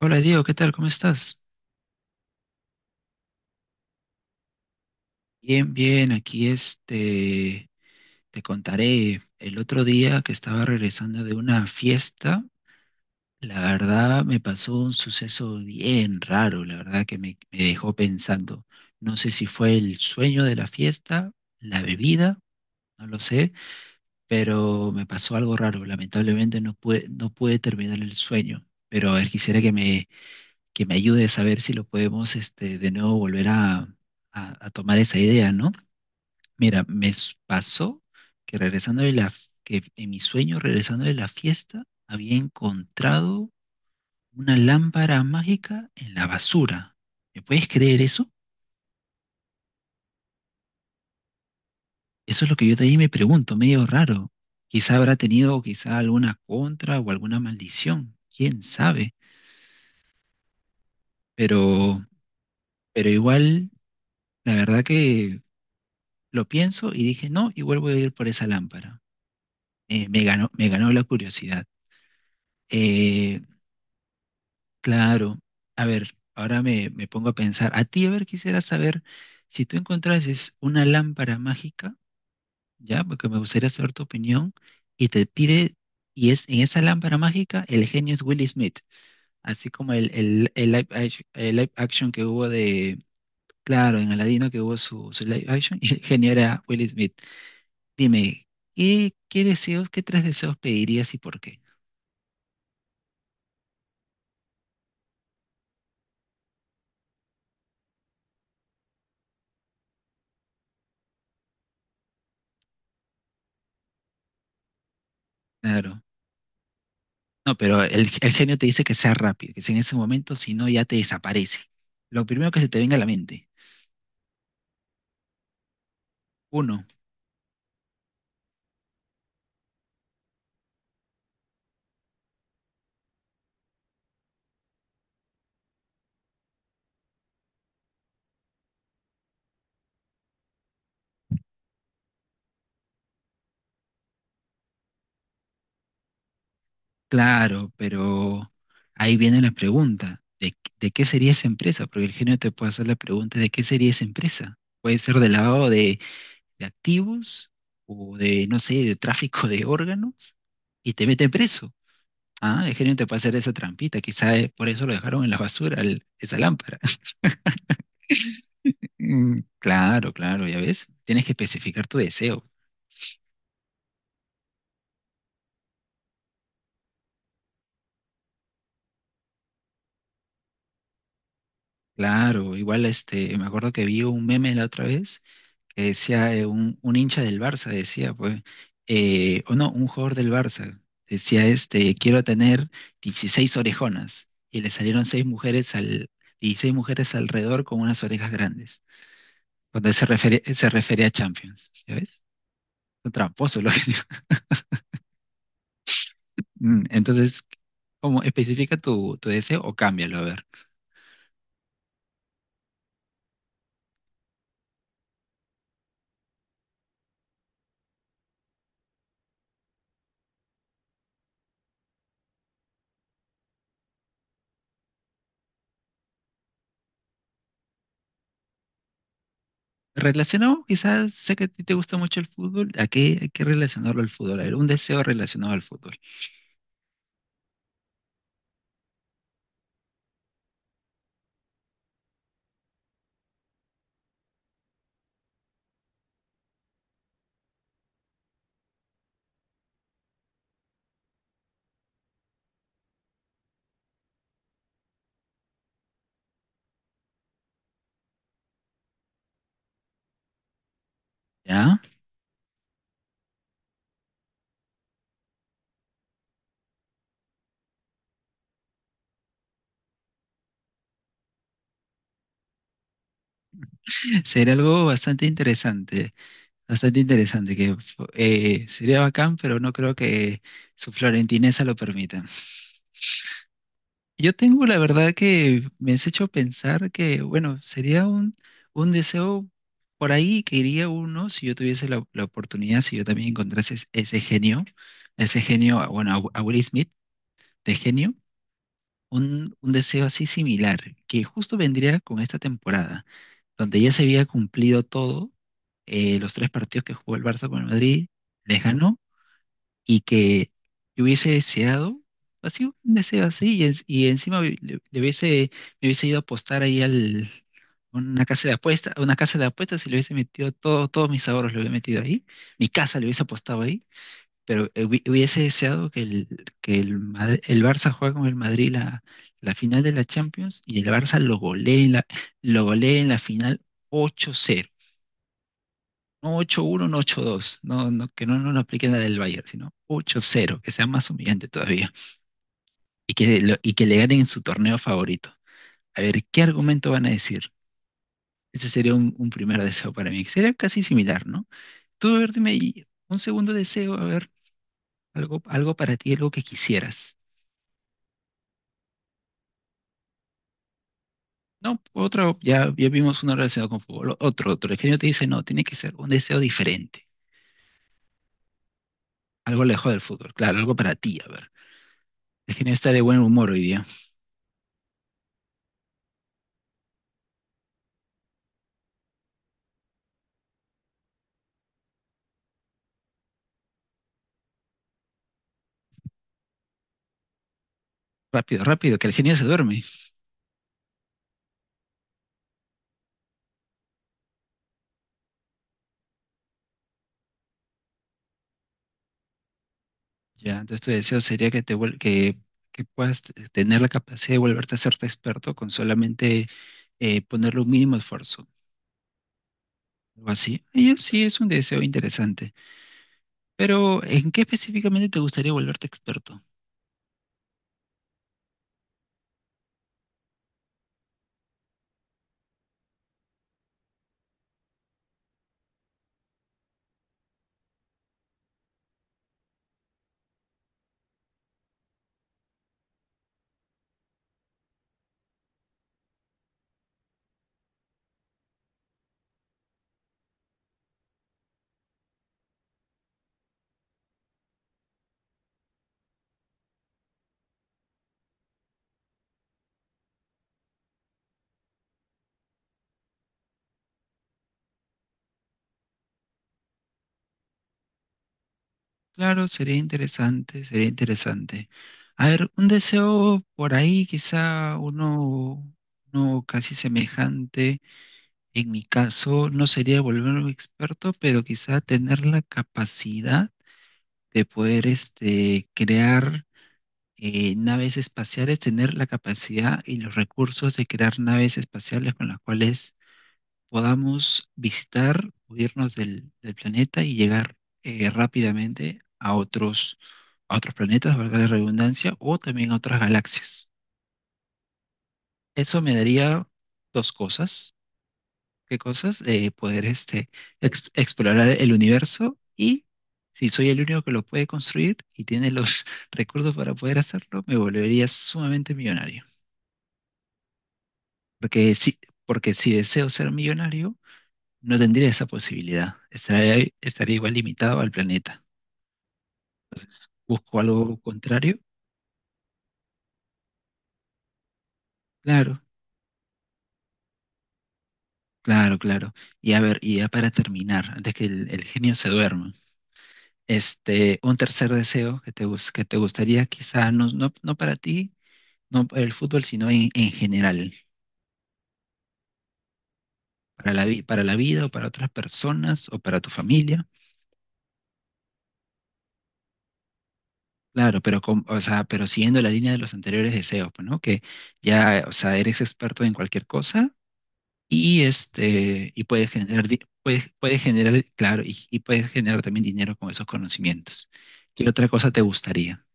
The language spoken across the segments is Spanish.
Hola Diego, ¿qué tal? ¿Cómo estás? Bien, bien, aquí te contaré. El otro día que estaba regresando de una fiesta, la verdad me pasó un suceso bien raro, la verdad que me dejó pensando. No sé si fue el sueño de la fiesta, la bebida, no lo sé, pero me pasó algo raro. Lamentablemente no pude terminar el sueño, pero a ver, quisiera que me ayudes a ver si lo podemos de nuevo volver a tomar esa idea, ¿no? Mira, pasó que regresando de la, que en mi sueño, regresando de la fiesta, había encontrado una lámpara mágica en la basura. ¿Me puedes creer eso? Eso es lo que yo también me pregunto, medio raro. Quizá habrá tenido quizá alguna contra o alguna maldición, quién sabe. Pero, pero igual, la verdad que lo pienso y dije no, igual voy a ir por esa lámpara. Me me ganó la curiosidad. Eh, Claro, a ver, ahora me pongo a pensar, a ti, a ver, quisiera saber si tú encontrases una lámpara mágica, ya, porque me gustaría saber tu opinión, y te pide, y es en esa lámpara mágica, el genio es Will Smith, así como el live, el live action que hubo de, claro, en Aladino que hubo su live action, y el genio era Will Smith. Dime, ¿ qué tres deseos pedirías y por qué? Claro. No, pero el genio te dice que sea rápido, que sea en ese momento, si no ya te desaparece. Lo primero que se te venga a la mente. Uno, claro, pero ahí viene la pregunta, ¿ de qué sería esa empresa? Porque el genio te puede hacer la pregunta, ¿de qué sería esa empresa? Puede ser del lado de activos o de, no sé, de tráfico de órganos y te mete preso. Ah, el genio te puede hacer esa trampita, quizá por eso lo dejaron en la basura esa lámpara. Mm, claro, claro, ya ves, tienes que especificar tu deseo. Claro, igual me acuerdo que vi un meme la otra vez que decía un hincha del Barça, decía, pues, o no, un jugador del Barça, decía quiero tener 16 orejonas. Y le salieron seis mujeres 16 mujeres alrededor con unas orejas grandes. Cuando él se refería a Champions, ¿ya ves? Un tramposo lo que digo. Entonces, ¿cómo especifica tu deseo o cámbialo? A ver. Relacionado, quizás sé que a ti te gusta mucho el fútbol. ¿A qué hay que relacionarlo al fútbol? A ver, un deseo relacionado al fútbol. ¿Ya? Sería algo bastante interesante. Bastante interesante. Que sería bacán, pero no creo que su florentinesa lo permita. Yo tengo la verdad que me has hecho pensar que, bueno, sería un deseo por ahí que iría uno si yo tuviese la oportunidad, si yo también encontrase ese genio, bueno, a Will Smith de genio. Un, un deseo así similar, que justo vendría con esta temporada, donde ya se había cumplido todo, los tres partidos que jugó el Barça con el Madrid, les ganó, y que yo hubiese deseado, así un deseo así, y encima le hubiese, me hubiese ido a apostar ahí al, una casa de apuestas, una casa de apuestas y le hubiese metido todos mis ahorros, le hubiese metido ahí, mi casa le hubiese apostado pero hubiese deseado que el Barça juegue con el Madrid la final de la Champions y el Barça lo golee en la final 8-0. No 8-1, no 8-2. No, no, que no lo apliquen la del Bayern, sino 8-0, que sea más humillante todavía. Y que le ganen en su torneo favorito. A ver, ¿qué argumento van a decir? Ese sería un primer deseo para mí. Que Sería casi similar, ¿no? Tú, a ver, dime ahí, un segundo deseo, a ver, algo para ti, algo que quisieras. No, otro, ya vimos uno relacionado con fútbol. Otro, otro. El genio te dice, no, tiene que ser un deseo diferente. Algo lejos del fútbol. Claro, algo para ti, a ver. El genio está de buen humor hoy día. Rápido, rápido, que el genio se duerme. Ya, entonces tu deseo sería que te vuel- que puedas tener la capacidad de volverte a hacerte experto con solamente ponerle un mínimo esfuerzo. Algo así. Sí es un deseo interesante. Pero, ¿en qué específicamente te gustaría volverte experto? Claro, sería interesante, sería interesante. A ver, un deseo por ahí, quizá uno casi semejante. En mi caso, no sería volverme experto, pero quizá tener la capacidad de poder crear naves espaciales, tener la capacidad y los recursos de crear naves espaciales con las cuales podamos visitar o irnos del planeta y llegar rápidamente a otros planetas, valga la redundancia, o también a otras galaxias. Eso me daría dos cosas. ¿Qué cosas? Poder explorar el universo y si soy el único que lo puede construir y tiene los recursos para poder hacerlo, me volvería sumamente millonario. Porque si, porque si deseo ser millonario, no tendría esa posibilidad. Estaría igual limitado al planeta. ¿Busco algo contrario? Claro, claro, claro. Y a ver, y ya para terminar, antes que el genio se duerma, un tercer deseo que te gustaría, quizá no, no, no para ti, no para el fútbol, sino en general, para para la vida o para otras personas o para tu familia. Claro, pero, o sea, pero siguiendo la línea de los anteriores deseos, pues, ¿no? Que ya, o sea, eres experto en cualquier cosa y y puede generar, puede generar, claro, y puede generar también dinero con esos conocimientos. ¿Qué otra cosa te gustaría?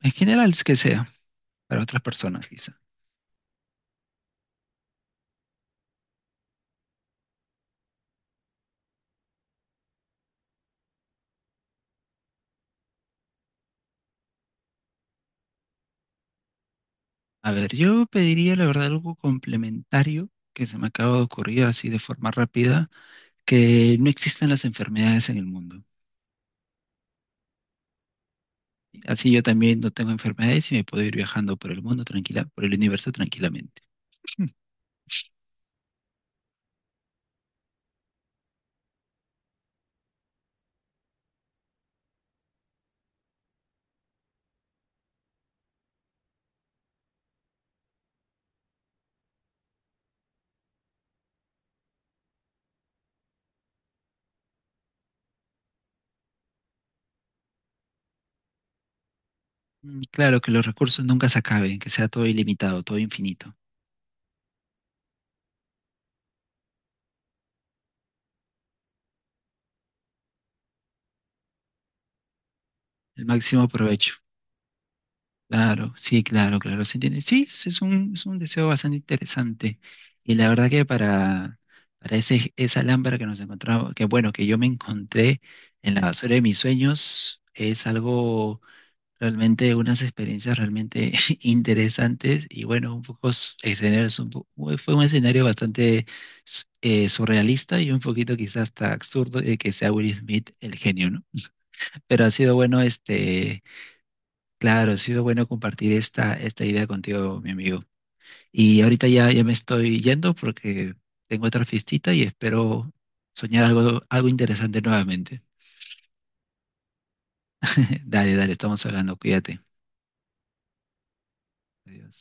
En general, es que sea, para otras personas quizá. A ver, yo pediría la verdad algo complementario que se me acaba de ocurrir así de forma rápida, que no existan las enfermedades en el mundo. Así yo también no tengo enfermedades y me puedo ir viajando por el mundo tranquila, por el universo tranquilamente. Mm, claro, que los recursos nunca se acaben, que sea todo ilimitado, todo infinito, el máximo provecho. Claro, sí, claro, claro, se entiende. Sí, es un deseo bastante interesante. Y la verdad que para esa lámpara que nos encontramos, que bueno, que yo me encontré en la basura de mis sueños, es algo realmente, unas experiencias realmente interesantes. Y bueno, un poco escenarios, fue un escenario bastante surrealista y un poquito quizás hasta absurdo de que sea Will Smith el genio, ¿no? Pero ha sido bueno. Claro, ha sido bueno compartir esta idea contigo, mi amigo. Y ahorita ya me estoy yendo porque tengo otra fiestita y espero soñar algo interesante nuevamente. Dale, dale, estamos hablando, cuídate. Adiós.